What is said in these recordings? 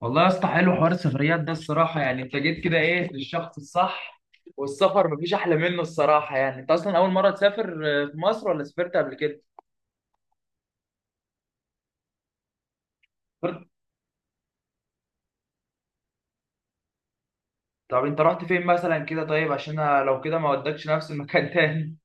والله يا اسطى، حلو حوار السفريات ده الصراحة. يعني انت جيت كده ايه للشخص الصح. والسفر مفيش احلى منه الصراحة. يعني انت اصلا اول مرة تسافر في مصر ولا سافرت قبل كده؟ سافرت. طب انت رحت فين مثلا كده؟ طيب عشان انا لو كده ما ودكش نفس المكان تاني.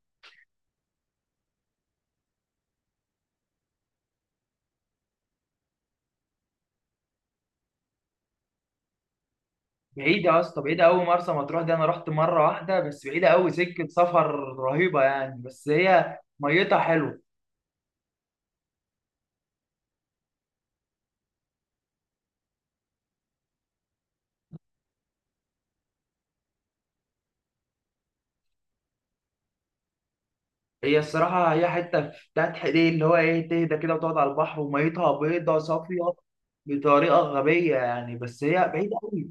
بعيدة يا اسطى، بعيدة قوي مرسى مطروح دي. انا رحت مرة واحدة بس، بعيدة قوي، سكة سفر رهيبة يعني. بس هي ميتها حلوة. هي الصراحة هي حتة بتاعت حقيقي، اللي هو إيه، تهدى كده وتقعد على البحر، وميتها بيضة صافية بطريقة غبية يعني. بس هي بعيدة أوي.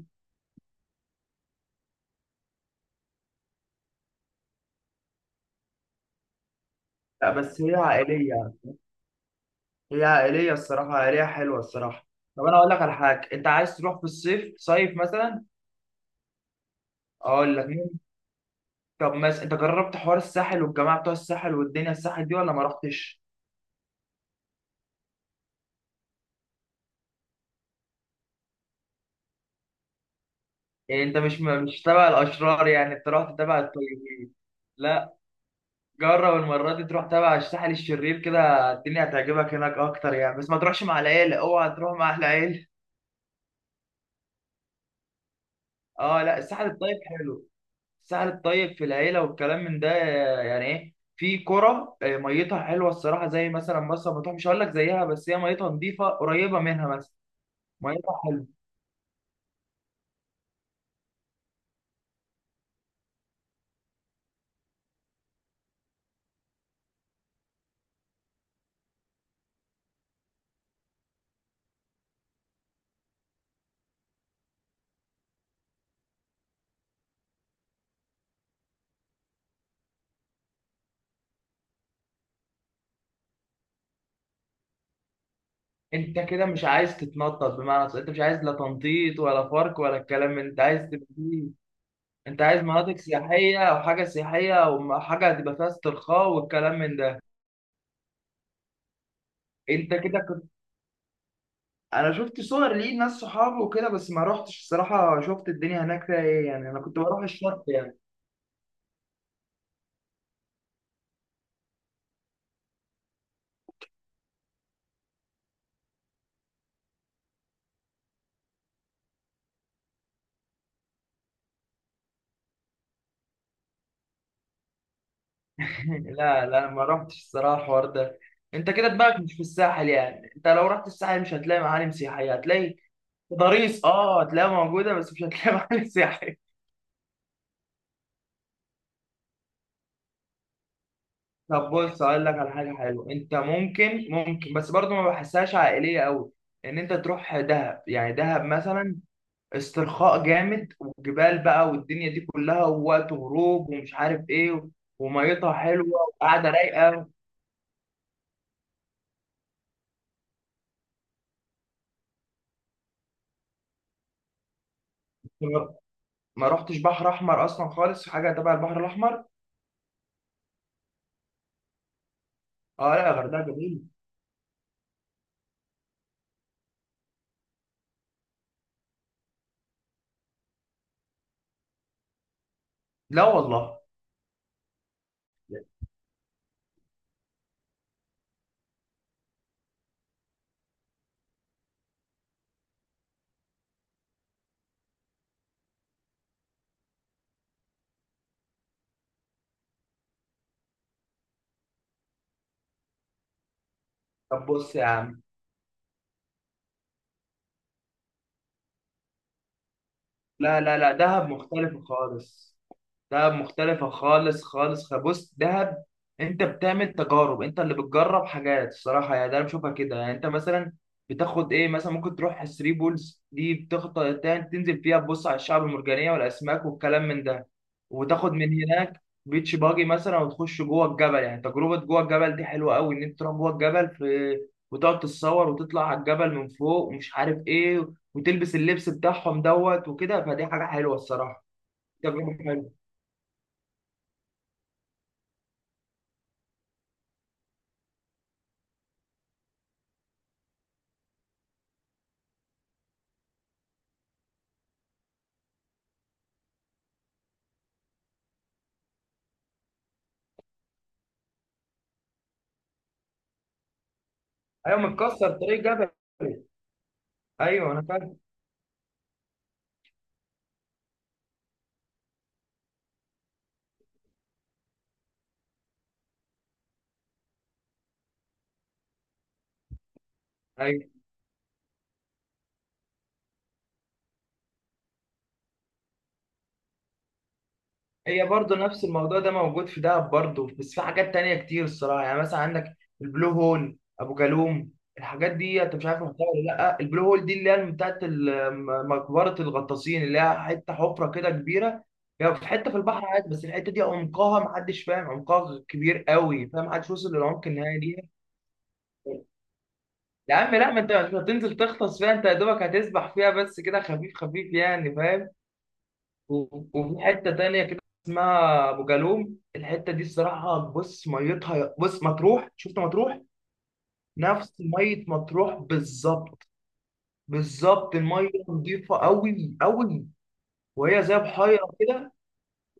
لا، بس هي عائلية. هي عائلية الصراحة، عائلية حلوة الصراحة. طب أنا أقول لك على حاجة، أنت عايز تروح في الصيف، صيف مثلا؟ أقول لك مين. طب مثلا أنت جربت حوار الساحل والجماعة بتوع الساحل والدنيا الساحل دي ولا ما رحتش؟ يعني أنت مش تبع الأشرار، يعني أنت رحت تبع الطيبين. لا، جرب المرة دي تروح تبع الساحل الشرير كده. الدنيا هتعجبك هناك أكتر يعني، بس ما تروحش مع العيلة، أوعى تروح مع أهل العيلة. أه، لا الساحل الطيب حلو. الساحل الطيب في العيلة والكلام من ده، يعني إيه، في قرى. ميتها حلوة الصراحة. زي مثلا مرسى مطروح، مش هقول لك زيها، بس هي ميتها نظيفة قريبة منها مثلا. ميتها حلوة. أنت كده مش عايز تتنطط، بمعنى صح، أنت مش عايز لا تنطيط ولا فرق ولا الكلام من ده. أنت عايز تبقى فيه. أنت عايز مناطق سياحية أو حاجة سياحية أو حاجة هتبقى فيها استرخاء والكلام من ده. انت كده كنت انا شفت صور ليه ناس صحابي وكده، بس ما روحتش الصراحه. شفت الدنيا هناك فيها ايه، يعني انا كنت بروح الشط يعني. لا لا، ما روحتش الصراحه الحوار ده. انت كده دماغك مش في الساحل. يعني انت لو رحت الساحل مش هتلاقي معالم سياحيه، هتلاقي تضاريس، اه هتلاقيها موجوده، بس مش هتلاقي معالم سياحيه. طب بص، اقول لك على حاجه حلوه. انت ممكن، بس برضه ما بحسهاش عائليه قوي، ان انت تروح دهب. يعني دهب مثلا، استرخاء جامد، وجبال بقى، والدنيا دي كلها، ووقت غروب ومش عارف ايه، وميتها حلوه وقاعده رايقه. ما ما رحتش بحر احمر اصلا خالص، حاجه تبع البحر الاحمر. اه لا، الغردقه جميل. لا والله. طب بص يا عم. لا لا لا، دهب مختلف خالص. دهب مختلفة خالص خالص. بص دهب، انت بتعمل تجارب، انت اللي بتجرب حاجات الصراحة يعني. ده انا بشوفها كده. يعني انت مثلا بتاخد ايه، مثلا ممكن تروح ثري بولز دي، بتخطط تنزل فيها تبص على الشعب المرجانية والاسماك والكلام من ده. وتاخد من هناك بيتش باجي مثلا، وتخش جوه الجبل. يعني تجربة جوه الجبل دي حلوة قوي، ان انت تروح جوه الجبل في، وتقعد تتصور وتطلع على الجبل من فوق ومش عارف ايه، وتلبس اللبس بتاعهم دوت وكده. فدي حاجة حلوة الصراحة. تجربة حلوة. ايوه، متكسر طريق جبلي. ايوه انا فاهم. ايوه، هي برضه نفس الموضوع ده موجود في دهب برضه، بس في حاجات تانية كتير الصراحه. يعني مثلا عندك البلو هول، ابو جالوم، الحاجات دي انت مش عارف رحتها ولا لا. البلو هول دي اللي هي بتاعت ال- مقبره الغطاسين، اللي هي حته حفره كده كبيره. هي يعني في حته في البحر عادي، بس الحته دي عمقها محدش فاهم عمقها، كبير قوي فاهم، محدش وصل للعمق النهائي ليها. يا عم لا، ما انت مش هتنزل تغطس فيها. انت يا دوبك هتسبح فيها بس كده، خفيف خفيف يعني فاهم. وفي حته تانية كده اسمها ابو جالوم. الحته دي الصراحه، بص ميتها، بص مطروح، شفت مطروح؟ نفس ميه مطروح بالظبط. بالظبط الميه نظيفه قوي قوي. وهي زي بحيره كده.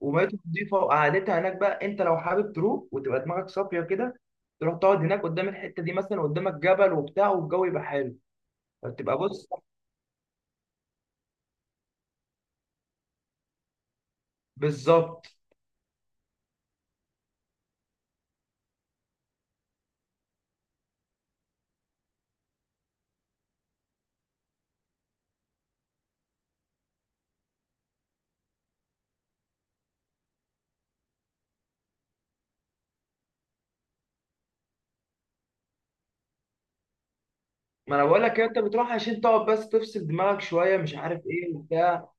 وميتها نظيفه وقعدتها هناك بقى. انت لو حابب تروح وتبقى دماغك صافيه كده، تروح تقعد هناك قدام الحته دي مثلا، قدامك جبل وبتاع والجو يبقى حلو، فتبقى بص بالظبط. ما انا بقول لك، انت بتروح عشان تقعد بس تفصل دماغك شويه، مش عارف ايه وبتاع.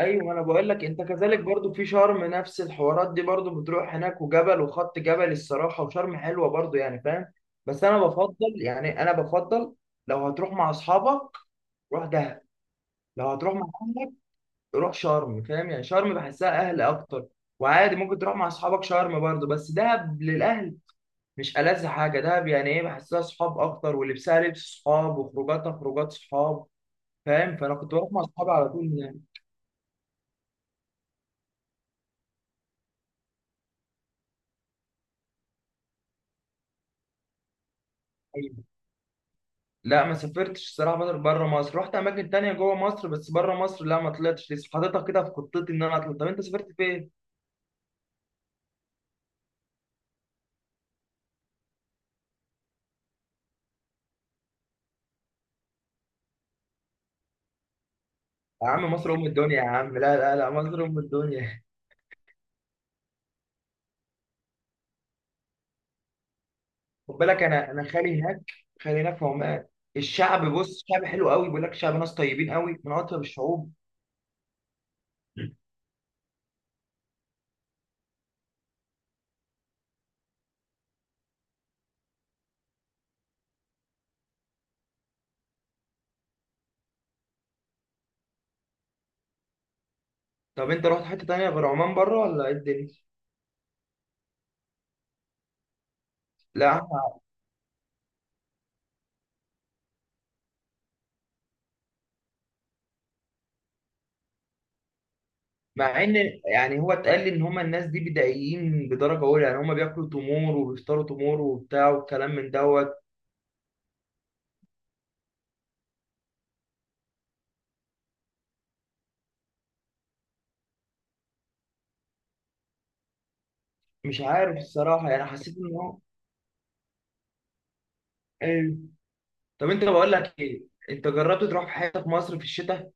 ايوه، انا بقول لك انت كذلك برضو. في شرم نفس الحوارات دي برضو، بتروح هناك، وجبل وخط جبل الصراحه. وشرم حلوه برضو يعني فاهم. بس انا بفضل، يعني انا بفضل، لو هتروح مع اصحابك روح دهب، لو هتروح مع اهلك روح شرم فاهم. يعني شرم بحسها اهل اكتر. وعادي ممكن تروح مع اصحابك شرم برضو، بس دهب للاهل. مش ألذ حاجه دهب، يعني ايه، بحسها صحاب اكتر، ولبسها لبس صحاب، وخروجاتها خروجات صحاب فاهم. فانا كنت بروح مع اصحابي على طول يعني. لا ما سافرتش الصراحه، بره مصر رحت اماكن تانية جوه مصر، بس بره مصر لا ما طلعتش لسه، حاططها كده في خطتي ان انا اطلع. طب انت سافرت فين؟ يا عم مصر ام الدنيا، يا عم لا لا لا، مصر ام الدنيا. خد بالك، انا خالي هناك، خالي هناك في عمان. الشعب بص، شعب حلو قوي، بيقول لك شعب ناس طيبين قوي، من اطيب الشعوب. طب انت رحت حته تانية غير عمان بره ولا ايه الدنيا؟ لا. مع ان، يعني هو اتقال لي ان هما الناس دي بدائيين بدرجه اولى، يعني هما بياكلوا تمور وبيفطروا تمور وبتاع والكلام من دوت. مش عارف الصراحة، يعني حسيت إن هو إيه. طب أنت، بقول لك إيه، أنت جربت تروح في حتة في مصر في الشتاء؟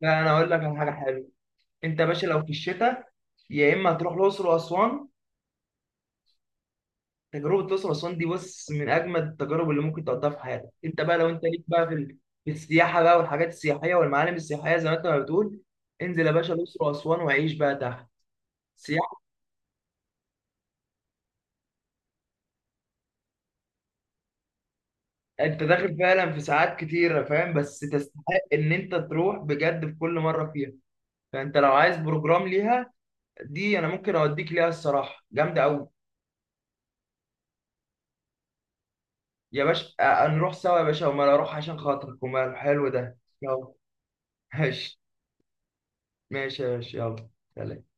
لا أنا أقول لك على حاجة حلوة. أنت يا باشا لو في الشتاء، يا إما هتروح الأقصر وأسوان. تجربة الأقصر وأسوان دي بص، من أجمد التجارب اللي ممكن تقضيها في حياتك. أنت بقى لو أنت ليك بقى في ال- في السياحة بقى والحاجات السياحية والمعالم السياحية زي ما أنت ما بتقول، انزل يا باشا الأقصر وأسوان وعيش بقى تحت. سياحة، أنت داخل فعلا في ساعات كتيرة فاهم، بس تستحق إن أنت تروح بجد في كل مرة فيها. فأنت لو عايز بروجرام ليها، دي انا ممكن اوديك ليها الصراحه، جامده قوي. يا باشا، نروح سوا يا باشا، وما اروح عشان خاطرك، وما حلو ده، يلا. ماشي. ماشي يا باشا يلا. سلام.